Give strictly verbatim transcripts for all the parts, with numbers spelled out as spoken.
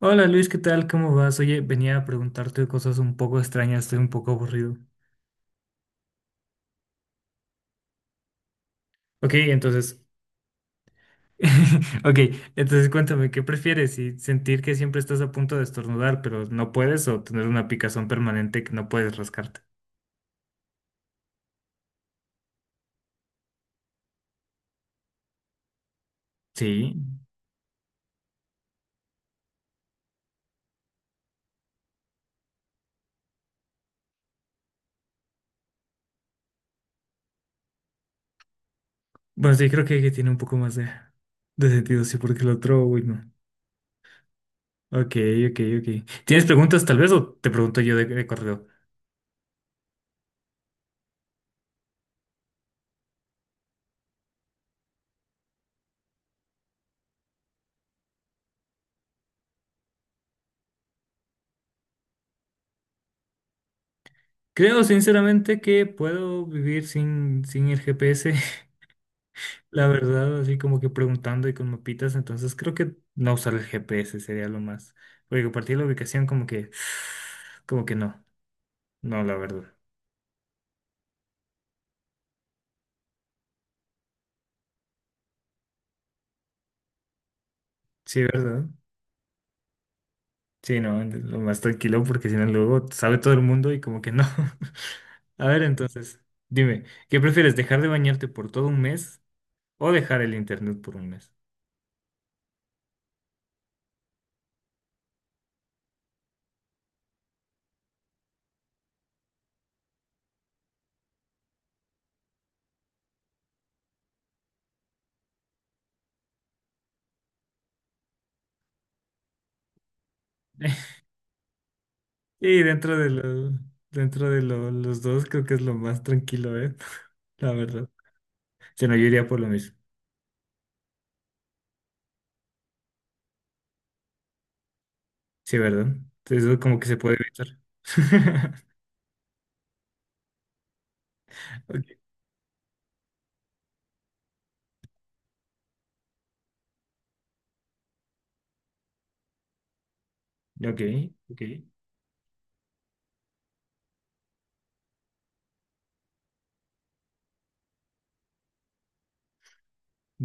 Hola Luis, ¿qué tal? ¿Cómo vas? Oye, venía a preguntarte cosas un poco extrañas, estoy un poco aburrido. Ok, entonces, ok, entonces cuéntame, ¿qué prefieres? ¿Si sentir que siempre estás a punto de estornudar, pero no puedes, o tener una picazón permanente que no puedes rascarte? Sí. Bueno, sí, creo que, que tiene un poco más de, de sentido, sí, porque el otro, uy, no. Ok, ok, ok. ¿Tienes preguntas tal vez o te pregunto yo de, de correo? Creo sinceramente que puedo vivir sin, sin el G P S. La verdad, así como que preguntando y con mapitas, entonces creo que no usar el G P S sería lo más. Porque a partir de la ubicación como que, como que no, no, la verdad. Sí, ¿verdad? Sí, no, entonces, lo más tranquilo porque si no luego sabe todo el mundo y como que no. A ver, entonces, dime, ¿qué prefieres, dejar de bañarte por todo un mes o dejar el internet por un mes? Y dentro de lo, dentro de lo- los dos creo que es lo más tranquilo, ¿eh? La verdad. Se nos yo iría por lo mismo. Sí, ¿verdad? Entonces eso como que se puede evitar. Ok, ok, ok.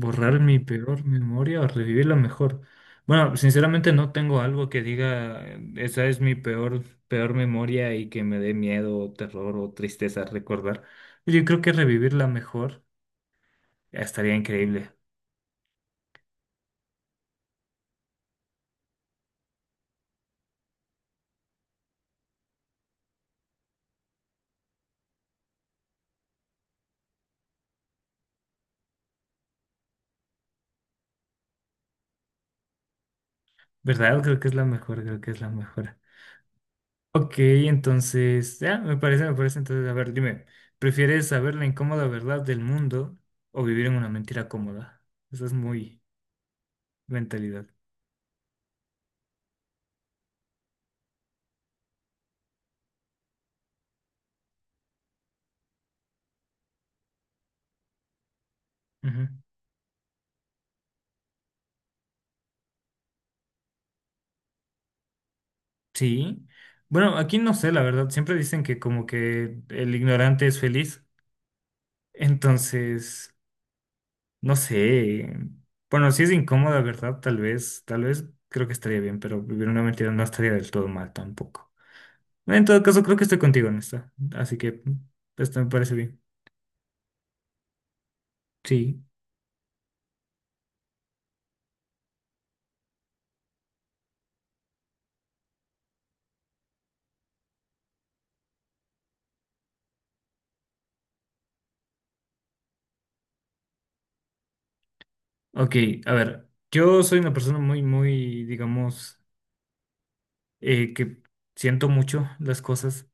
Borrar mi peor memoria o revivir la mejor. Bueno, sinceramente no tengo algo que diga, eh, esa es mi peor, peor memoria y que me dé miedo, o terror o tristeza recordar. Yo creo que revivir la mejor estaría increíble, ¿verdad? Creo que es la mejor, creo que es la mejor. Ok, entonces, ya, me parece, me parece. Entonces, a ver, dime, ¿prefieres saber la incómoda verdad del mundo o vivir en una mentira cómoda? Esa es muy mentalidad. Ujú. Sí. Bueno, aquí no sé, la verdad. Siempre dicen que como que el ignorante es feliz. Entonces, no sé. Bueno, si es incómoda, ¿verdad? Tal vez, tal vez creo que estaría bien, pero vivir una mentira no estaría del todo mal tampoco. En todo caso, creo que estoy contigo en esta. Así que mm, esto me parece bien. Sí. Ok, a ver, yo soy una persona muy, muy, digamos, eh, que siento mucho las cosas,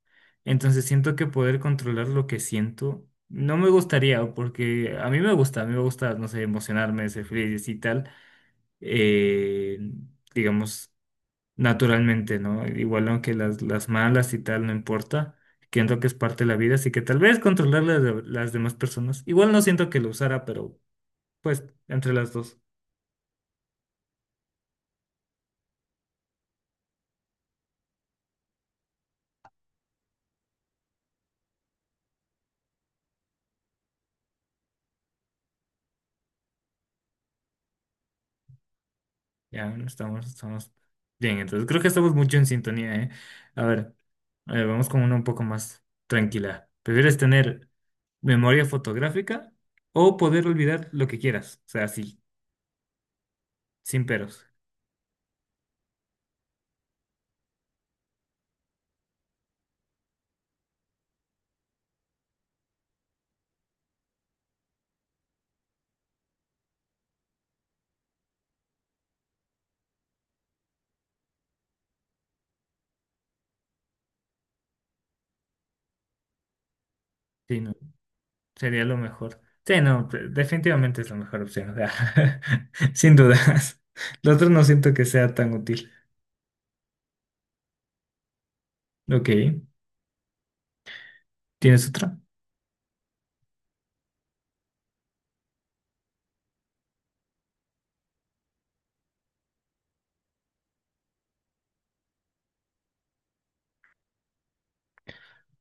entonces siento que poder controlar lo que siento no me gustaría, porque a mí me gusta, a mí me gusta, no sé, emocionarme, ser feliz y tal, eh, digamos, naturalmente, ¿no? Igual aunque las, las malas y tal no importa, siento que es parte de la vida, así que tal vez controlar las, de- las demás personas, igual no siento que lo usara, pero pues entre las dos. Ya no estamos, estamos bien, entonces creo que estamos mucho en sintonía, ¿eh? A ver, eh, vamos con una un poco más tranquila. ¿Prefieres tener memoria fotográfica o poder olvidar lo que quieras? O sea, sí, sin peros. Sí, no, sería lo mejor. Sí, no, de- definitivamente es la mejor opción, o sea, sin dudas. Lo otro no siento que sea tan útil. Ok, ¿tienes otra?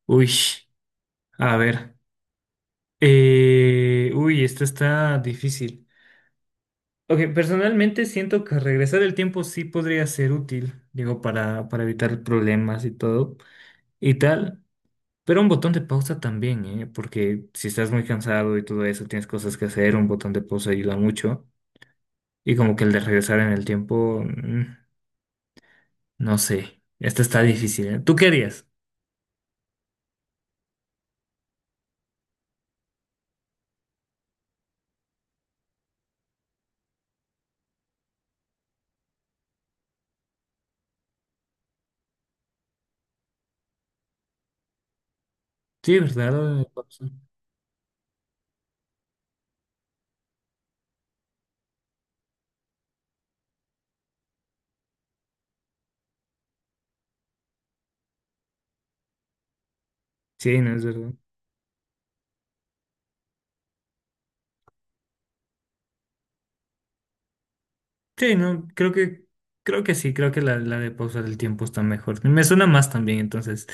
Uy, a ver. Eh, uy, esta está difícil. Ok, personalmente siento que regresar el tiempo sí podría ser útil, digo, para, para evitar problemas y todo y tal, pero un botón de pausa también, ¿eh? Porque si estás muy cansado y todo eso, tienes cosas que hacer, un botón de pausa ayuda mucho y como que el de regresar en el tiempo, mm, no sé, esto está difícil, ¿eh? ¿Tú qué harías? Sí, ¿verdad? Lo de pausa. Sí, no es verdad. Sí, no, creo que, creo que sí, creo que la, la de pausa del tiempo está mejor. Me suena más también, entonces,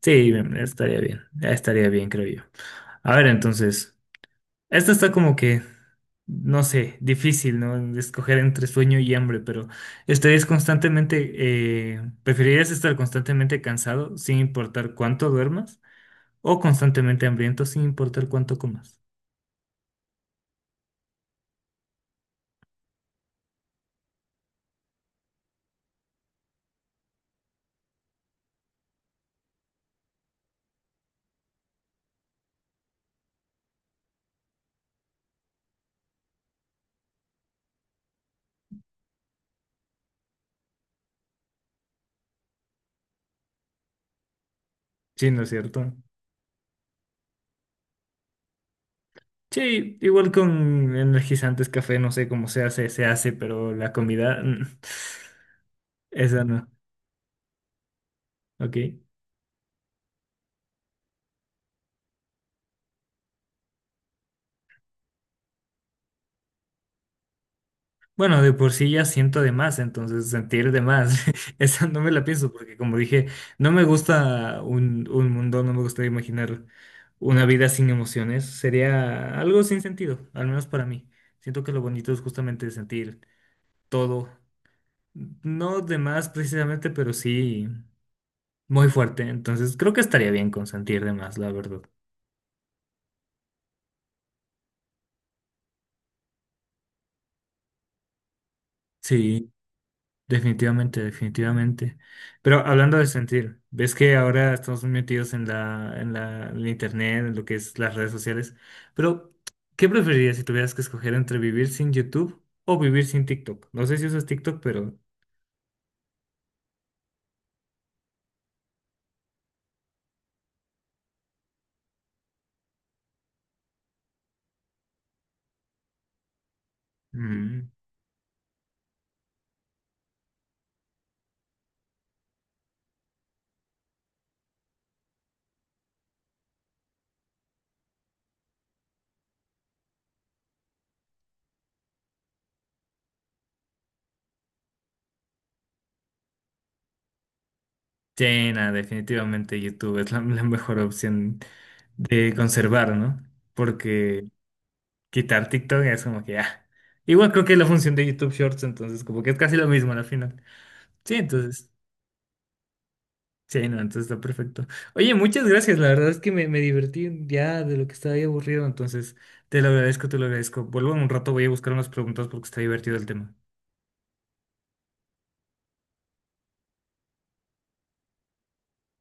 sí, estaría bien, ya estaría bien, creo yo. A ver, entonces, esta está como que, no sé, difícil, ¿no? Escoger entre sueño y hambre, pero ¿estarías constantemente, eh, preferirías estar constantemente cansado sin importar cuánto duermas o constantemente hambriento sin importar cuánto comas? Sí, ¿no es cierto? Sí, igual con energizantes, café, no sé cómo se hace, se hace, pero la comida, mm, esa no, ok. Bueno, de por sí ya siento de más, entonces sentir de más, esa no me la pienso, porque como dije, no me gusta un, un mundo, no me gusta imaginar una vida sin emociones, sería algo sin sentido, al menos para mí. Siento que lo bonito es justamente sentir todo, no de más precisamente, pero sí muy fuerte, entonces creo que estaría bien con sentir de más, la verdad. Sí, definitivamente, definitivamente. Pero hablando de sentir, ves que ahora estamos muy metidos en la, en la, en el internet, en lo que es las redes sociales. Pero, ¿qué preferirías si tuvieras que escoger entre vivir sin YouTube o vivir sin TikTok? No sé si usas TikTok, pero mm, sí, nada, definitivamente YouTube es la, la mejor opción de conservar, ¿no? Porque quitar TikTok es como que, ah, igual creo que es la función de YouTube Shorts, entonces como que es casi lo mismo al final. Sí, entonces. Sí, no, entonces está perfecto. Oye, muchas gracias, la verdad es que me, me divertí ya de lo que estaba ahí aburrido, entonces te lo agradezco, te lo agradezco. Vuelvo en un rato, voy a buscar unas preguntas porque está divertido el tema.